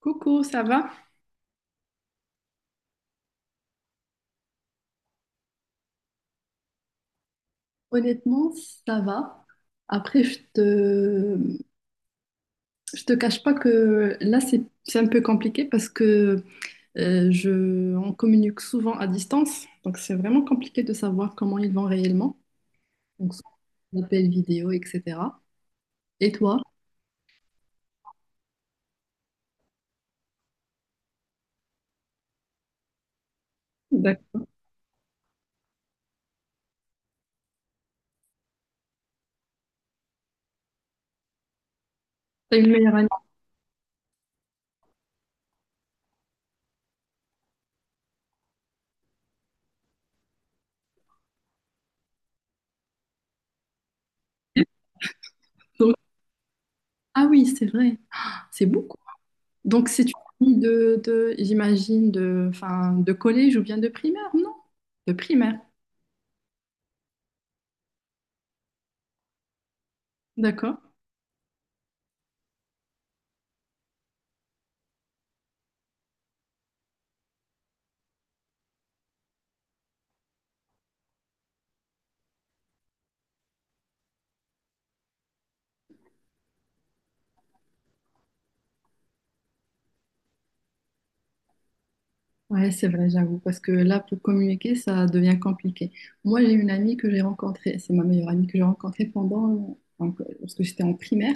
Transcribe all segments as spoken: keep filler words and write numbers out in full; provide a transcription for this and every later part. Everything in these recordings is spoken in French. Coucou, ça va? Honnêtement, ça va. Après, je te, je te cache pas que là, c'est, c'est un peu compliqué parce que euh, je, on communique souvent à distance. Donc, c'est vraiment compliqué de savoir comment ils vont réellement. Donc, soit on appelle vidéo, et cetera. Et toi? D'accord. T'as une meilleure année? Donc- ah oui, c'est vrai, c'est beaucoup. Donc, c'est une famille de, de- j'imagine, de, enfin, de collège ou bien de primaire, non? De primaire, d'accord. Ouais, c'est vrai, j'avoue, parce que là, pour communiquer, ça devient compliqué. Moi, j'ai une amie que j'ai rencontrée, c'est ma meilleure amie que j'ai rencontrée pendant, donc, euh, lorsque j'étais en primaire,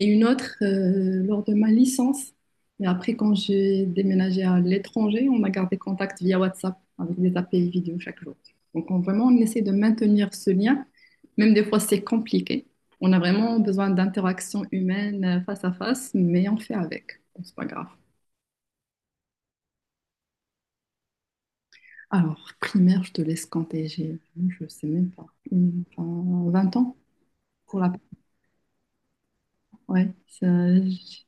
et une autre euh, lors de ma licence. Et après, quand j'ai déménagé à l'étranger, on a gardé contact via WhatsApp avec des appels vidéo chaque jour. Donc, on- vraiment, on essaie de maintenir ce lien, même des fois, c'est compliqué. On a vraiment besoin d'interaction humaine euh, face à face, mais on fait avec. Bon, c'est pas grave. Alors, primaire, je te laisse compter. J'ai, je sais même pas, une- enfin, vingt ans pour la ouais. ça- j-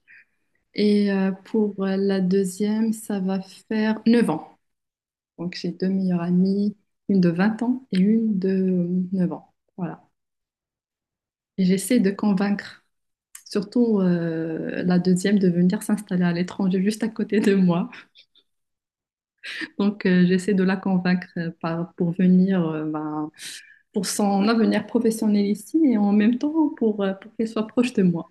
et euh, Pour la deuxième, ça va faire neuf ans. Donc, j'ai deux meilleures amies, une de vingt ans et une de euh, neuf ans. Voilà. Et j'essaie de convaincre, surtout euh, la deuxième, de venir s'installer à l'étranger juste à côté de moi. Donc, euh, j'essaie de la convaincre euh, par- pour venir, euh, ben, pour son avenir professionnel ici et en même temps pour, euh, pour qu'elle soit proche de moi.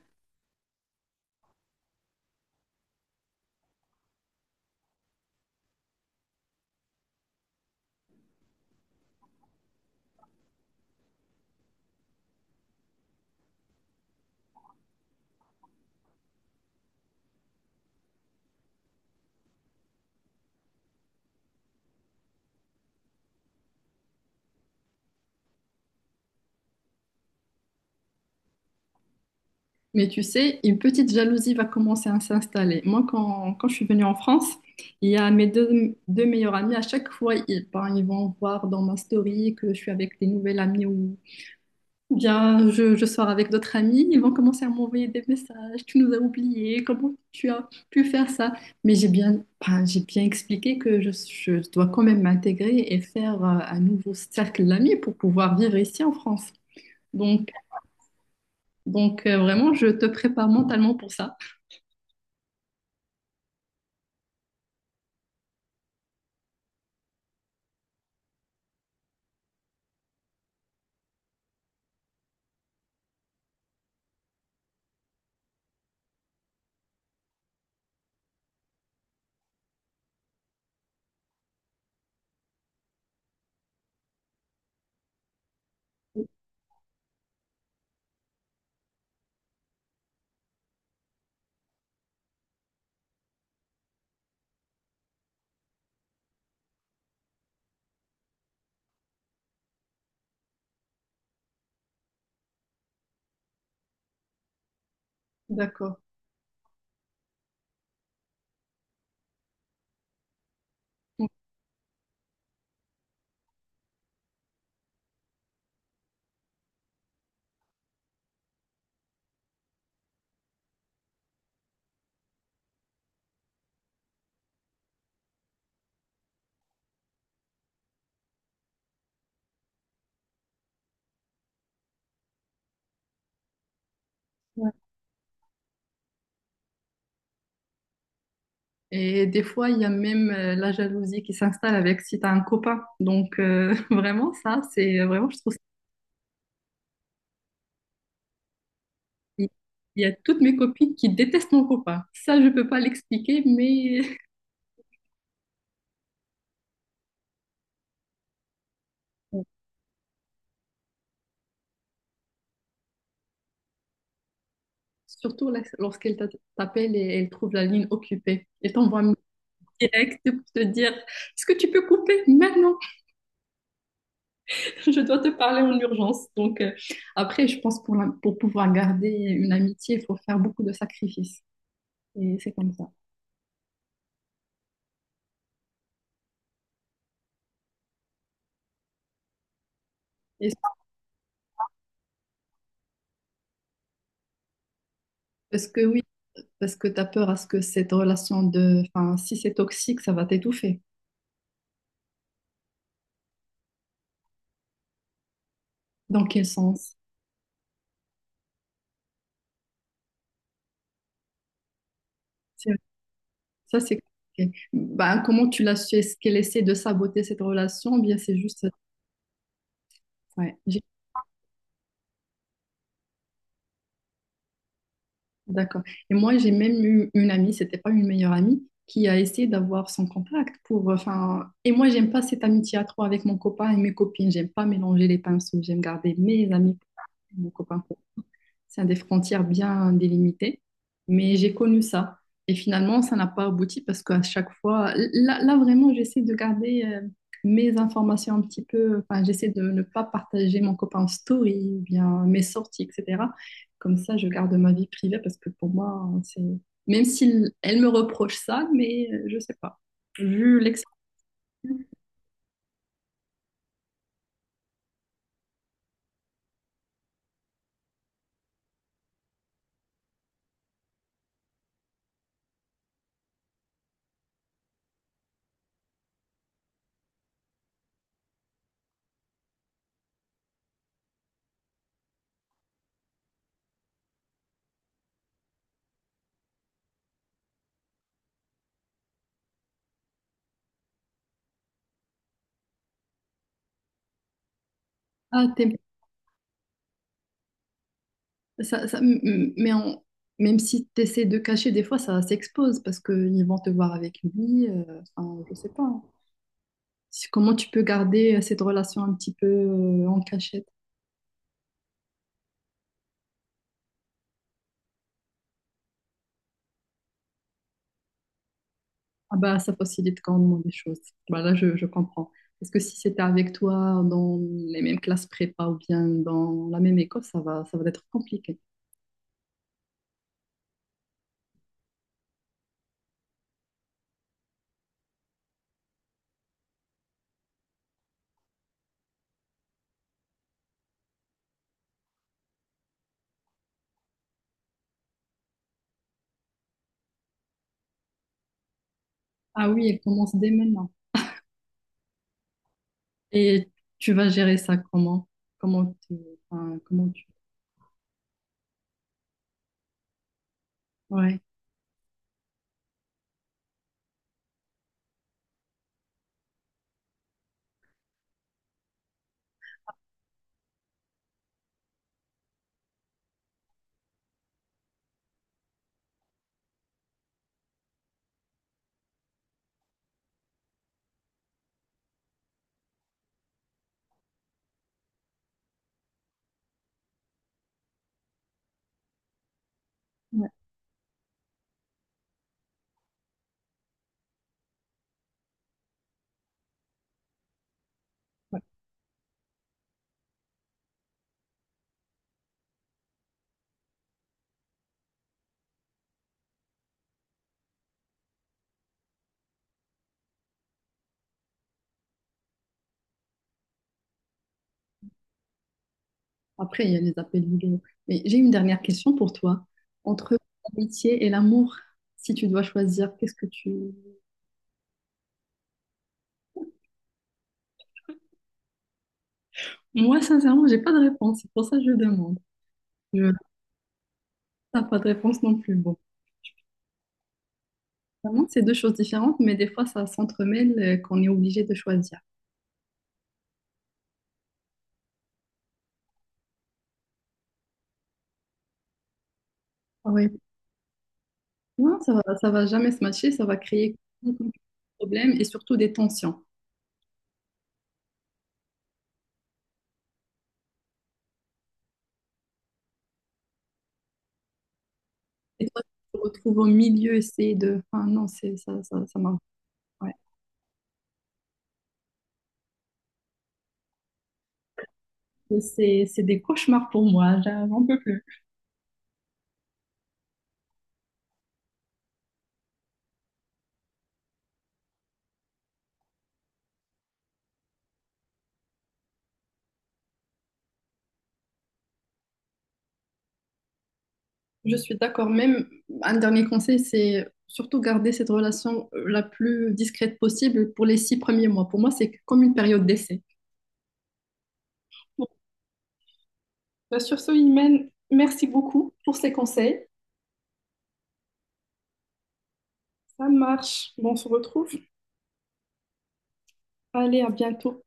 Mais tu sais, une petite jalousie va commencer à s'installer. Moi, quand, quand je suis venue en France, il y a mes deux, deux meilleurs amis, à chaque fois, ils, ben, ils vont voir dans ma story que je suis avec des nouvelles amies ou bien, je, je sors avec d'autres amis, ils vont commencer à m'envoyer des messages. Tu nous as oubliés, comment tu as pu faire ça? Mais j'ai bien, ben, j'ai bien expliqué que je, je dois quand même m'intégrer et faire euh, un nouveau cercle d'amis pour pouvoir vivre ici en France. Donc, donc euh, vraiment, je te prépare mentalement pour ça. D'accord. Donc, ouais. Et des fois, il y a même euh, la jalousie qui s'installe avec si tu as un copain. Donc, euh, vraiment, ça, c'est vraiment, je trouve Il il y a toutes mes copines qui détestent mon copain. Ça, je peux pas l'expliquer, mais surtout la- lorsqu'elle t'a- t'appelle et elle trouve la ligne occupée. Elle t'envoie un message direct pour te dire, est-ce que tu peux couper maintenant? Je dois te parler en urgence. Donc, euh, après, je pense pour, la- pour pouvoir garder une amitié, il faut faire beaucoup de sacrifices. Et c'est comme ça. Et parce que oui, parce que tu as peur à ce que cette relation de, enfin, si c'est toxique, ça va t'étouffer. Dans quel sens? Ça, c'est compliqué. Ben, comment tu l'as su? Est-ce qu'elle essaie de saboter cette relation? Ou bien, c'est juste. Ouais, j'ai- d'accord. Et moi, j'ai même eu une amie, c'était pas une meilleure amie, qui a essayé d'avoir son contact pour. Enfin, et moi, j'aime pas cette amitié à trois avec mon copain et mes copines. J'aime pas mélanger les pinceaux. J'aime garder mes amis, et mon copain. C'est des frontières bien délimitées. Mais j'ai connu ça. Et finalement, ça n'a pas abouti parce qu'à chaque fois, là, là, vraiment, j'essaie de garder euh, mes informations un petit peu. Enfin, j'essaie de ne pas partager mon copain en story, ou bien mes sorties, et cetera. Comme ça, je garde ma vie privée parce que pour moi, c'est. Même si elle me reproche ça, mais euh, je sais pas. Vu l'expérience. Ah, t'es Ça, ça- m- m- mais en- Même si tu essaies de cacher, des fois, ça s'expose parce qu'ils vont te voir avec lui. Euh, enfin, je sais pas, hein. Si- Comment tu peux garder euh, cette relation un petit peu euh, en cachette? Ah bah, ça facilite grandement les choses. Voilà, je, je comprends. Parce que si c'était avec toi dans les mêmes classes prépa ou bien dans la même école, ça va, ça va être compliqué. Ah oui, elle commence dès maintenant. Et tu vas gérer ça comment? Comment tu... enfin, comment tu... Ouais. Ouais. Après, il y a les appels vidéo. Mais j'ai une dernière question pour toi. Entre l'amitié et l'amour, si tu dois choisir, qu'est-ce que tu... Moi, sincèrement, j'ai pas de réponse. C'est pour ça que je demande. Je T'as pas de réponse non plus. Bon, vraiment, c'est deux choses différentes, mais des fois, ça s'entremêle euh, qu'on est obligé de choisir. Ah ouais. Non, ça va, ça va jamais se matcher. Ça va créer des problèmes et surtout des tensions. Et toi, tu te retrouves au milieu, c'est de... Enfin, non, c'est ça, ça, ça m'a... ouais. C'est c'est des cauchemars pour moi. J'en peux plus. Je suis d'accord. Même un dernier conseil, c'est surtout garder cette relation euh, la plus discrète possible pour les six premiers mois. Pour moi, c'est comme une période d'essai. Bon, bah, sur ce, Imen, merci beaucoup pour ces conseils. Ça marche. Bon, on se retrouve. Allez, à bientôt.